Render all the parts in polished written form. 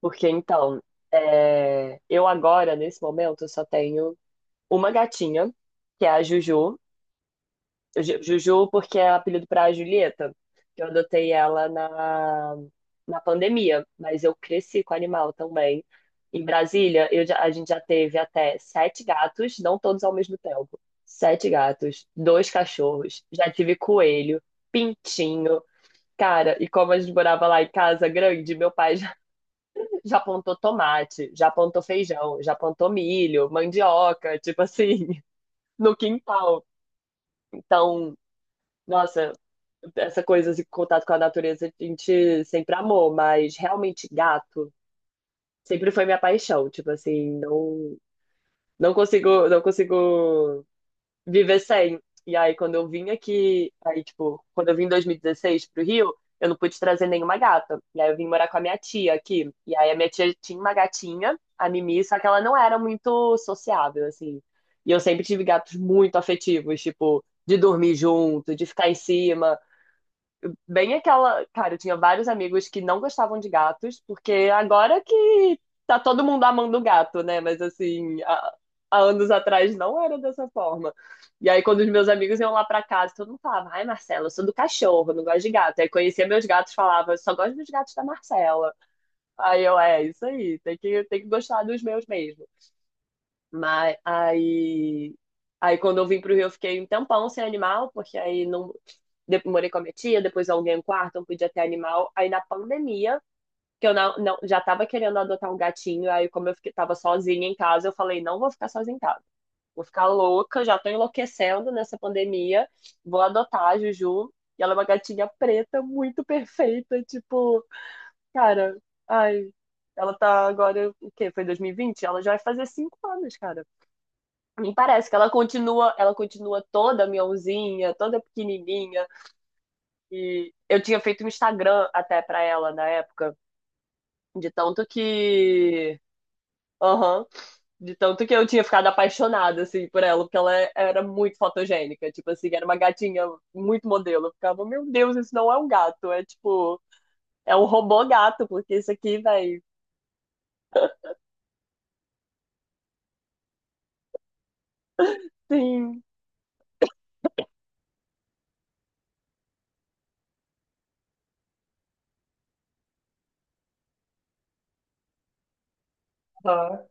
Porque então, é, eu agora, nesse momento, eu só tenho uma gatinha, que é a Juju. Juju, porque é apelido para a Julieta, que eu adotei ela na, na pandemia, mas eu cresci com animal também. Em Brasília, a gente já teve até sete gatos, não todos ao mesmo tempo. Sete gatos, dois cachorros, já tive coelho, pintinho. Cara, e como a gente morava lá em casa grande, meu pai já plantou tomate, já plantou feijão, já plantou milho, mandioca, tipo assim, no quintal. Então, nossa, essa coisa de contato com a natureza a gente sempre amou, mas realmente gato sempre foi minha paixão, tipo assim, não não consigo viver sem. E aí, quando eu vim aqui, aí, tipo, quando eu vim em 2016 pro Rio, eu não pude trazer nenhuma gata. E aí eu vim morar com a minha tia aqui. E aí a minha tia tinha uma gatinha, a Mimi, só que ela não era muito sociável, assim. E eu sempre tive gatos muito afetivos, tipo, de dormir junto, de ficar em cima bem aquela. Cara, eu tinha vários amigos que não gostavam de gatos, porque agora que tá todo mundo amando gato, né? Mas assim, há anos atrás não era dessa forma. E aí, quando os meus amigos iam lá pra casa, todo mundo falava: Ai, Marcela, eu sou do cachorro, eu não gosto de gato. Aí conhecia meus gatos, falava: "Eu Só gosto dos gatos da Marcela. Aí eu, é, isso aí, tem que gostar dos meus mesmo. Mas aí, aí quando eu vim pro Rio, eu fiquei um tempão sem animal, porque aí não morei com a minha tia, depois aluguei um quarto, não podia ter animal. Aí na pandemia, que eu não, já tava querendo adotar um gatinho, aí como eu fiquei, tava sozinha em casa, eu falei, não vou ficar sozinha em casa. Vou ficar louca, já tô enlouquecendo nessa pandemia. Vou adotar a Juju. E ela é uma gatinha preta, muito perfeita, tipo, cara, ai, ela tá agora, o quê? Foi 2020. Ela já vai fazer 5 anos, cara. Me parece que ela continua toda miãozinha, toda pequenininha. E eu tinha feito um Instagram até pra ela na época, de tanto que, aham, de tanto que eu tinha ficado apaixonada assim por ela, porque ela era muito fotogênica, tipo assim, era uma gatinha muito modelo. Eu ficava, meu Deus, isso não é um gato, é tipo, é um robô gato, porque isso aqui, vai sim. Aham.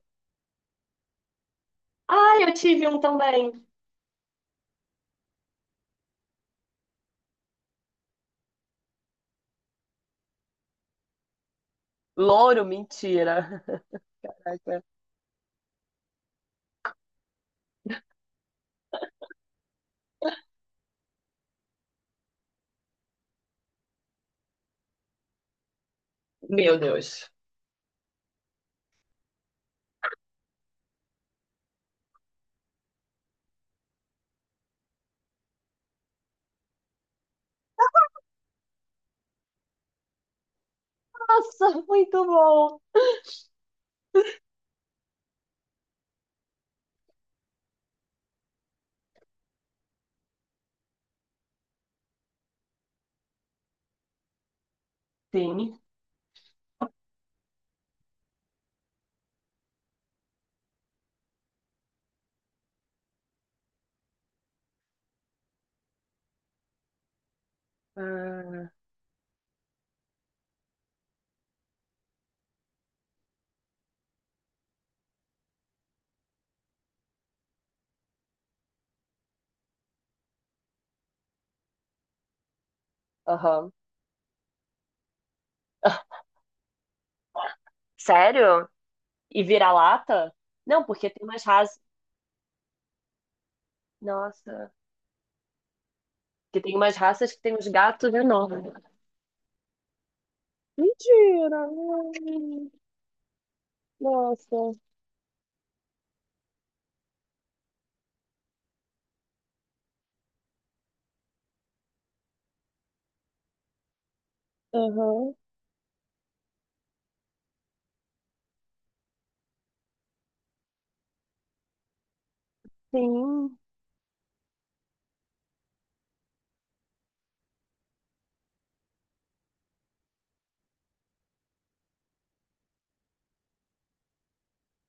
Ah, eu tive um também. Louro, mentira. Caraca. Meu Deus. Nossa, muito bom! Sim. Ah, aham. Ah, sério? E vira-lata? Não, porque tem umas raças. Nossa. Porque tem umas raças que tem uns gatos enormes. Mentira! Não. Nossa. Aham. Sim.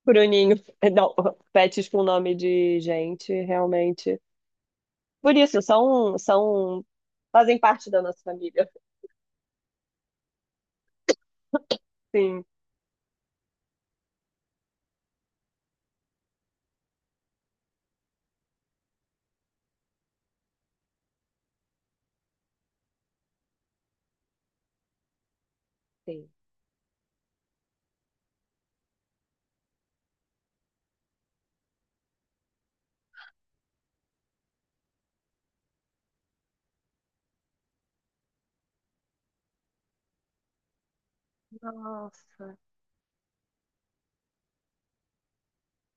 Bruninho. Não, pets com nome de gente, realmente. Por isso, são, fazem parte da nossa família. Sim. Sim. Nossa.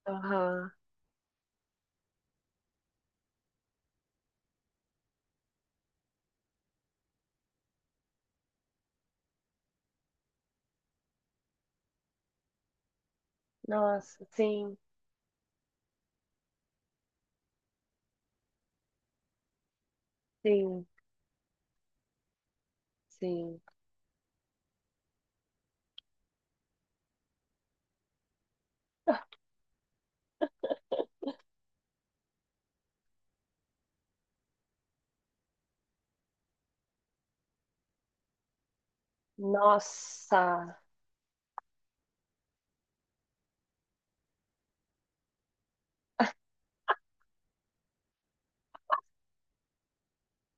Aham. Nossa, sim, sim. Sim. Nossa.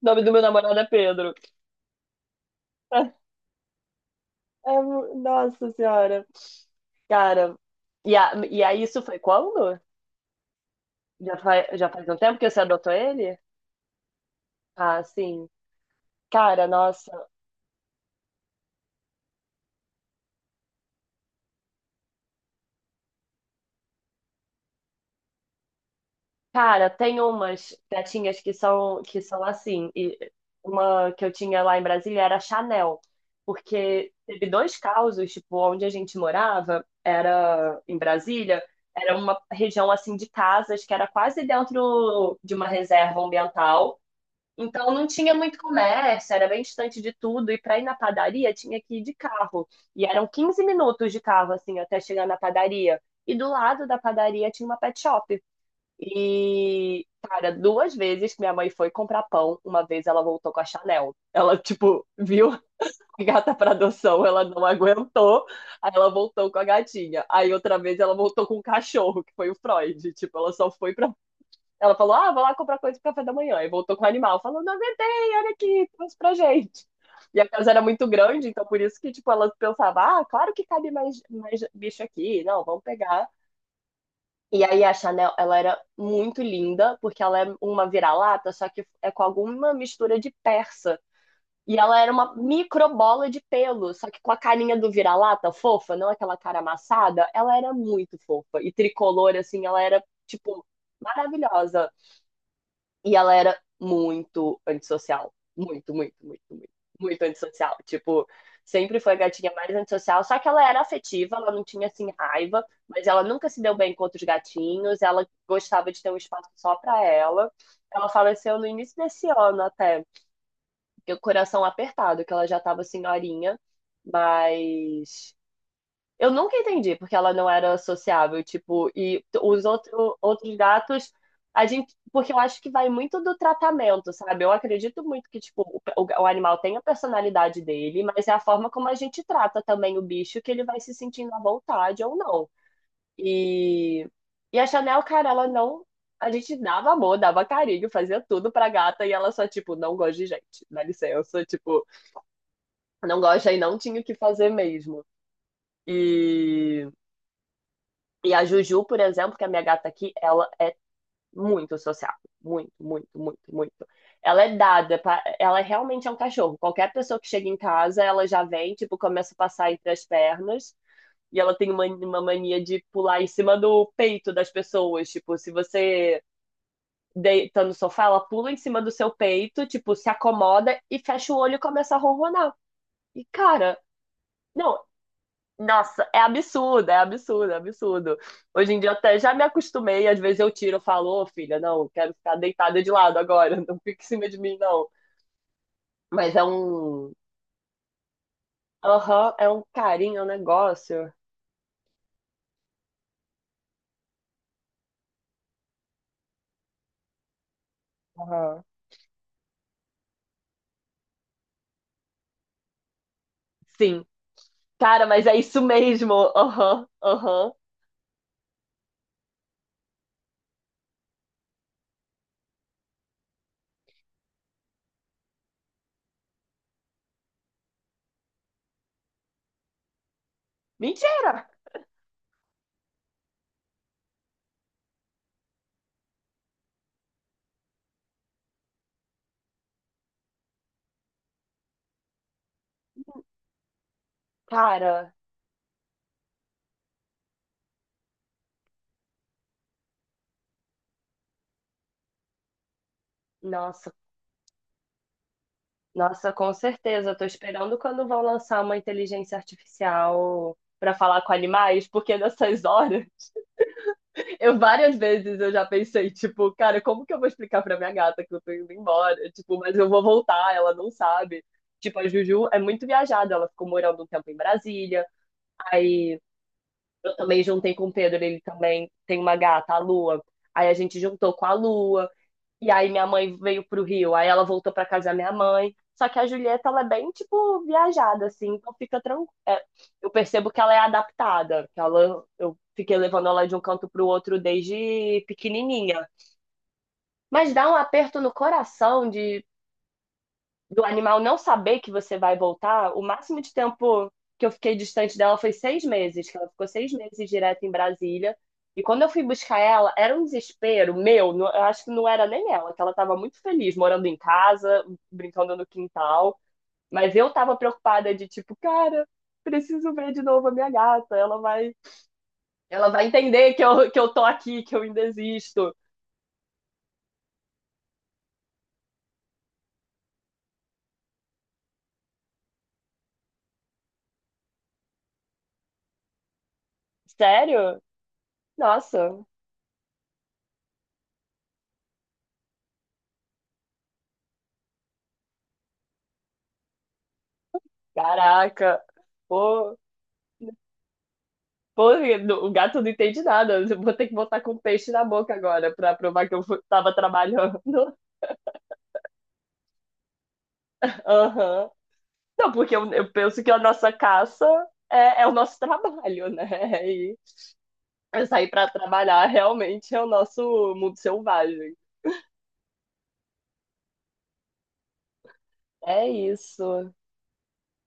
O nome do meu namorado é Pedro. É mu- nossa senhora. Cara, e, a, e aí isso foi quando? Já faz um tempo que você adotou ele? Ah, sim. Cara, nossa. Cara, tem umas gatinhas que são assim. E uma que eu tinha lá em Brasília era a Chanel, porque teve dois casos, tipo, onde a gente morava, era em Brasília, era uma região assim de casas que era quase dentro de uma reserva ambiental. Então não tinha muito comércio, era bem distante de tudo e para ir na padaria tinha que ir de carro. E eram 15 minutos de carro assim até chegar na padaria. E do lado da padaria tinha uma pet shop. E, cara, duas vezes que minha mãe foi comprar pão, uma vez ela voltou com a Chanel. Ela, tipo, viu a gata pra adoção, ela não aguentou, aí ela voltou com a gatinha. Aí outra vez ela voltou com um cachorro, que foi o Freud. Tipo, ela só foi pra. Ela falou, ah, vou lá comprar coisa pro café da manhã. E voltou com o animal, falou, não aguentei, olha aqui, trouxe pra gente. E a casa era muito grande, então por isso que, tipo, ela pensava, ah, claro que cabe mais, bicho aqui, não, vamos pegar. E aí a Chanel, ela era muito linda, porque ela é uma vira-lata, só que é com alguma mistura de persa. E ela era uma micro bola de pelo, só que com a carinha do vira-lata fofa, não aquela cara amassada, ela era muito fofa. E tricolor, assim, ela era, tipo, maravilhosa. E ela era muito antissocial. Muito, muito, muito, muito, muito antissocial. Tipo, sempre foi a gatinha mais antissocial, só que ela era afetiva, ela não tinha assim raiva, mas ela nunca se deu bem com outros gatinhos, ela gostava de ter um espaço só pra ela. Ela faleceu no início desse ano até, fiquei com o coração apertado, que ela já tava senhorinha, mas eu nunca entendi porque ela não era sociável, tipo, e os outros gatos, a gente, porque eu acho que vai muito do tratamento, sabe? Eu acredito muito que, tipo, o animal tem a personalidade dele, mas é a forma como a gente trata também o bicho que ele vai se sentindo à vontade ou não. E, e a Chanel, cara, ela não. A gente dava amor, dava carinho, fazia tudo pra gata e ela só, tipo, não gosta de gente, dá licença, tipo, não gosta e não tinha o que fazer mesmo. E. E a Juju, por exemplo, que é a minha gata aqui, ela é muito sociável. Muito, muito, muito, muito. Ela é dada, pra... ela realmente é um cachorro. Qualquer pessoa que chega em casa, ela já vem, tipo, começa a passar entre as pernas. E ela tem uma mania de pular em cima do peito das pessoas. Tipo, se você deita no sofá, ela pula em cima do seu peito, tipo, se acomoda e fecha o olho e começa a ronronar. E, cara, não, nossa, é absurdo, é absurdo, é absurdo. Hoje em dia eu até já me acostumei, às vezes eu tiro, eu falo, ô filha, não, quero ficar deitada de lado agora, não fique em cima de mim, não. Mas é um. Aham, é um carinho, é um negócio. Aham. Sim. Cara, mas é isso mesmo. Aham, aham. Mentira! Cara, nossa, nossa, com certeza. Eu tô esperando quando vão lançar uma inteligência artificial pra falar com animais, porque nessas horas. Eu várias vezes eu já pensei, tipo, cara, como que eu vou explicar pra minha gata que eu tô indo embora? Tipo, mas eu vou voltar, ela não sabe. Tipo, a Juju é muito viajada, ela ficou morando um tempo em Brasília. Aí eu também juntei com o Pedro, ele também tem uma gata, a Lua. Aí a gente juntou com a Lua. E aí minha mãe veio pro Rio, aí ela voltou pra casa da minha mãe. Só que a Julieta, ela é bem, tipo, viajada, assim, então fica tranquila. Eu percebo que ela é adaptada, que ela, eu fiquei levando ela de um canto pro outro desde pequenininha. Mas dá um aperto no coração de do animal não saber que você vai voltar, o máximo de tempo que eu fiquei distante dela foi 6 meses, que ela ficou 6 meses direto em Brasília. E quando eu fui buscar ela, era um desespero meu, não- eu acho que não era nem ela, que ela estava muito feliz morando em casa, brincando no quintal, mas eu estava preocupada de tipo, cara, preciso ver de novo a minha gata, ela vai entender que eu, tô aqui, que eu ainda existo. Sério? Nossa, caraca. Pô, pô, o gato não entende nada. Eu vou ter que botar com peixe na boca agora pra provar que tava trabalhando. Aham. Não, porque eu penso que a nossa caça é, é o nosso trabalho, né? E sair pra trabalhar realmente é o nosso mundo selvagem. É isso.